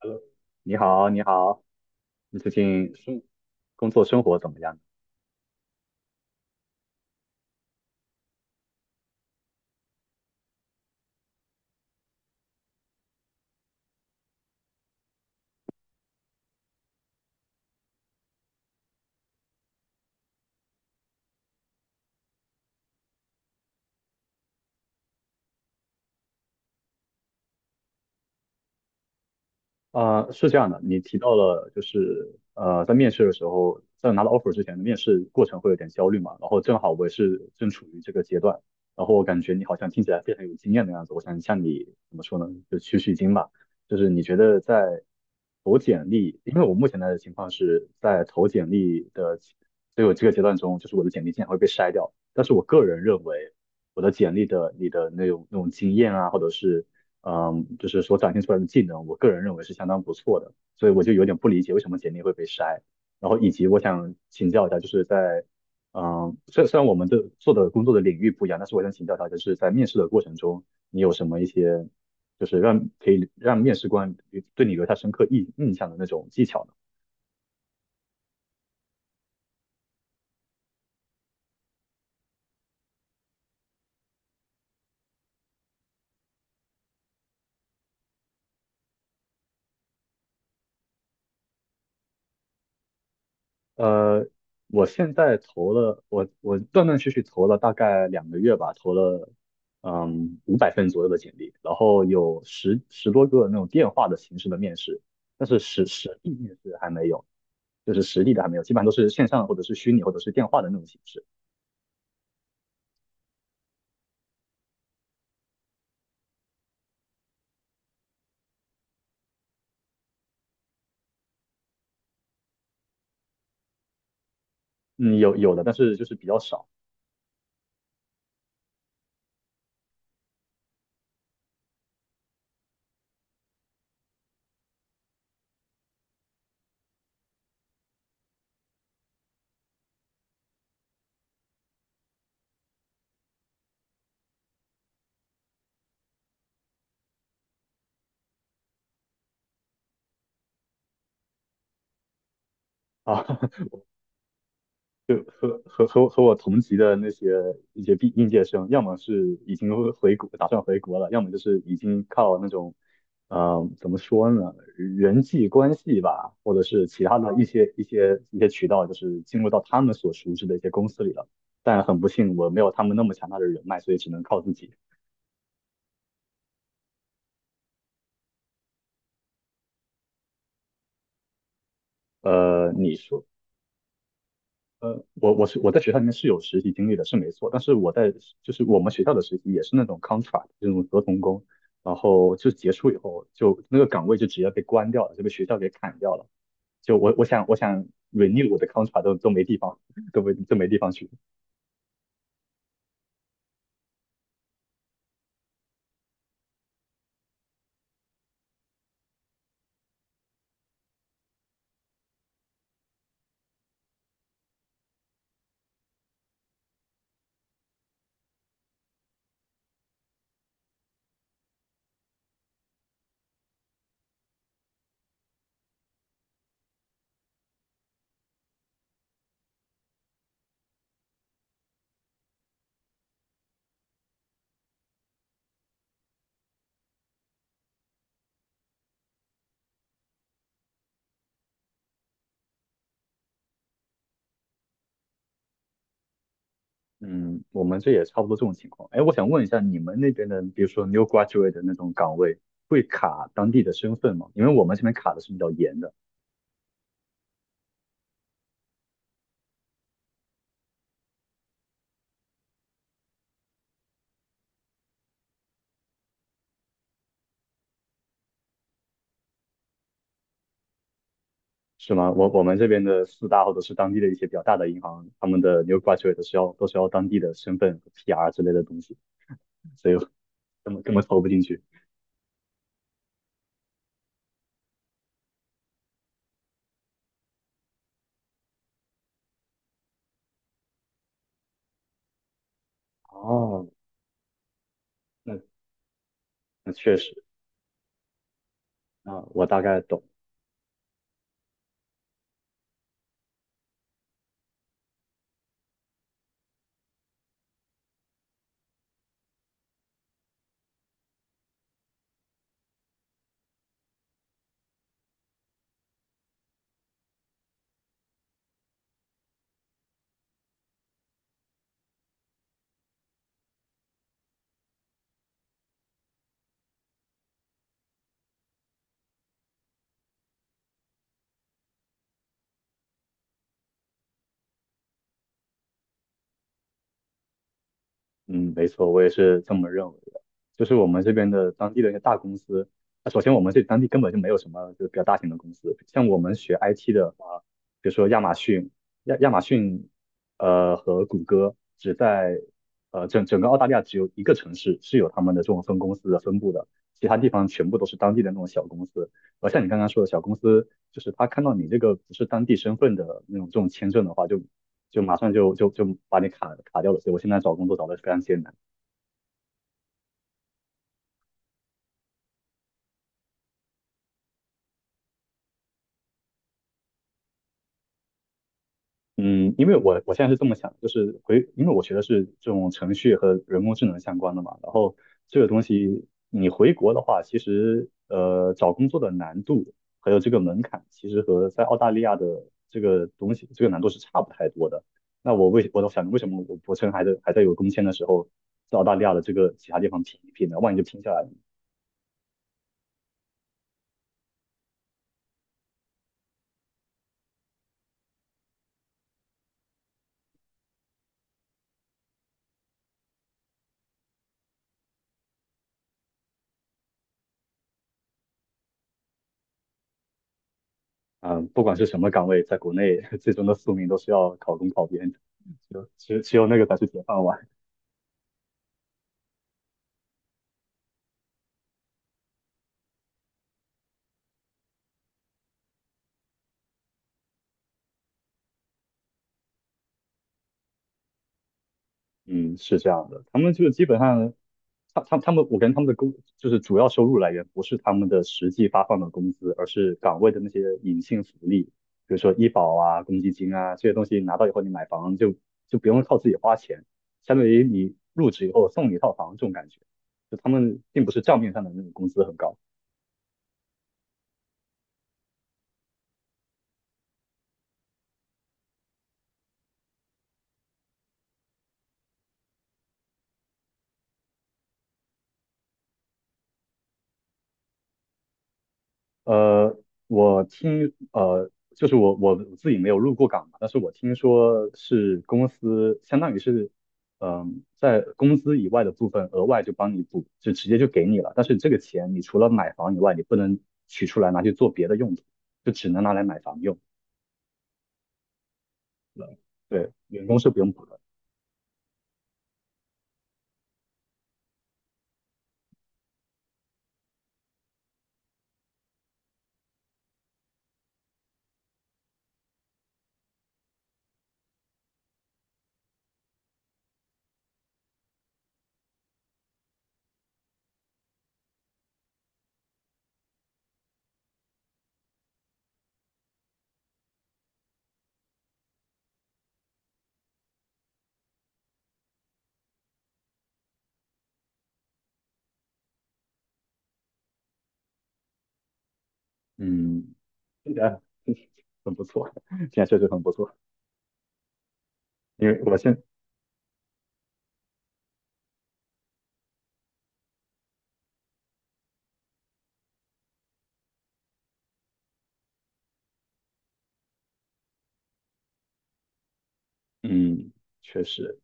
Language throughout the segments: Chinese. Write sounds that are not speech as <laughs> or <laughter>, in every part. h e 你好，你好，你最近生工作生活怎么样？是这样的，你提到了就是在面试的时候，在拿到 offer 之前的面试过程会有点焦虑嘛，然后正好我也是正处于这个阶段，然后我感觉你好像听起来非常有经验的样子，我想向你怎么说呢，就取取经吧，就是你觉得在投简历，因为我目前的情况是在投简历的，所以我这个阶段中，就是我的简历经常会被筛掉，但是我个人认为我的简历的你的那种经验啊，或者是就是所展现出来的技能，我个人认为是相当不错的，所以我就有点不理解为什么简历会被筛。然后以及我想请教一下，就是在虽然我们的做的工作的领域不一样，但是我想请教一下，就是在面试的过程中，你有什么一些就是让可以让面试官对你留下深刻印象的那种技巧呢？呃，我现在投了，我断断续续投了大概2个月吧，投了500份左右的简历，然后有十多个那种电话的形式的面试，但是实地面试还没有，就是实地的还没有，基本上都是线上或者是虚拟或者是电话的那种形式。嗯，有的，但是就是比较少啊。<laughs> 和我同级的那些一些应届生，要么是已经回国，打算回国了，要么就是已经靠那种，呃，怎么说呢，人际关系吧，或者是其他的一些渠道，就是进入到他们所熟知的一些公司里了。但很不幸，我没有他们那么强大的人脉，所以只能靠自己。呃，你说我在学校里面是有实习经历的，是没错。但是我在就是我们学校的实习也是那种 contract 这种合同工，然后就结束以后就那个岗位就直接被关掉了，就被学校给砍掉了。就我我想我想 renew 我的 contract 都没地方，都没地方去。嗯，我们这也差不多这种情况。哎，我想问一下你们那边的，比如说 new graduate 的那种岗位会卡当地的身份吗？因为我们这边卡的是比较严的。是吗？我们这边的四大或者是当地的一些比较大的银行，他们的 new graduate 都是要当地的身份和 PR 之类的东西，所以我根本投不进去。哦，那那确实，那我大概懂。嗯，没错，我也是这么认为的。就是我们这边的当地的一些大公司，那首先我们这当地根本就没有什么就是比较大型的公司，像我们学 IT 的话，比如说亚马逊，亚马逊，呃和谷歌只在呃整个澳大利亚只有一个城市是有他们的这种分公司的分布的，其他地方全部都是当地的那种小公司。而像你刚刚说的小公司，就是他看到你这个不是当地身份的那种这种签证的话，就马上就把你卡掉了。所以我现在找工作找的非常艰难。嗯，因为我现在是这么想，就是回，因为我学的是这种程序和人工智能相关的嘛，然后这个东西你回国的话，其实呃找工作的难度还有这个门槛，其实和在澳大利亚的这个东西这个难度是差不太多的。那我都想为什么我趁还在有工签的时候，在澳大利亚的这个其他地方拼一拼呢？万一就拼下来了，嗯，不管是什么岗位，在国内 <laughs> 最终的宿命都是要考公考编的，就只有那个才是铁饭碗。<laughs> 嗯，是这样的，他们就基本上，他们，我感觉他们的就是主要收入来源不是他们的实际发放的工资，而是岗位的那些隐性福利，比如说医保啊、公积金啊这些东西拿到以后，你买房就不用靠自己花钱，相当于你入职以后送你一套房这种感觉，就他们并不是账面上的那种工资很高。呃，我听呃，就是我我自己没有入过岗嘛，但是我听说是公司相当于是，嗯、在工资以外的部分额外就帮你补，就直接就给你了。但是这个钱你除了买房以外，你不能取出来拿去做别的用途，就只能拿来买房用。对，员工是不用补的。嗯，听起来很不错，<laughs> 现在确实很不错。因为我现嗯，确实，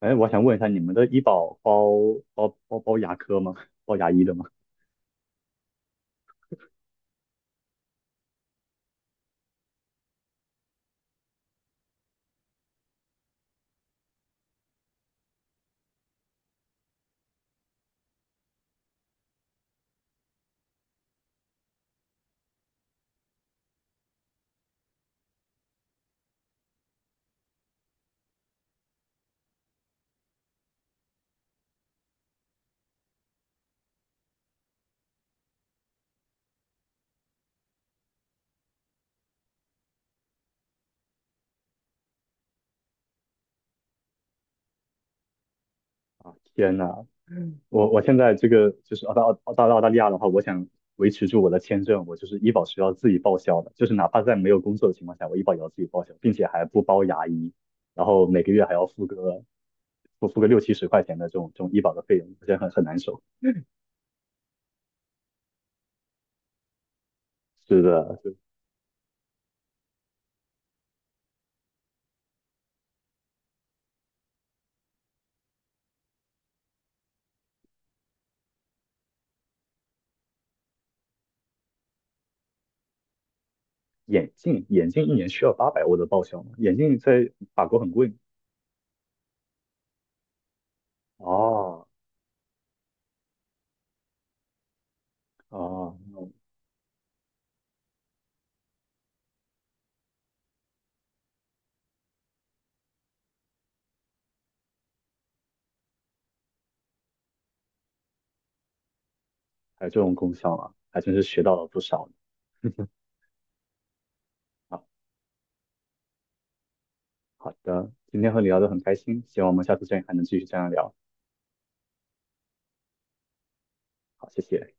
哎，我想问一下，你们的医保包牙科吗？包牙医的吗？啊天呐，我现在这个就是澳大利亚的话，我想维持住我的签证，我就是医保是要自己报销的，就是哪怕在没有工作的情况下，我医保也要自己报销，并且还不包牙医，然后每个月还要付个60、70块钱的这种这种医保的费用，而且很难受。是的，就眼镜1年需要800欧的报销吗？眼镜在法国很贵。哦哦，还有这种功效啊，还真是学到了不少啊。<laughs> 好的，今天和你聊得很开心，希望我们下次见还能继续这样聊。好，谢谢。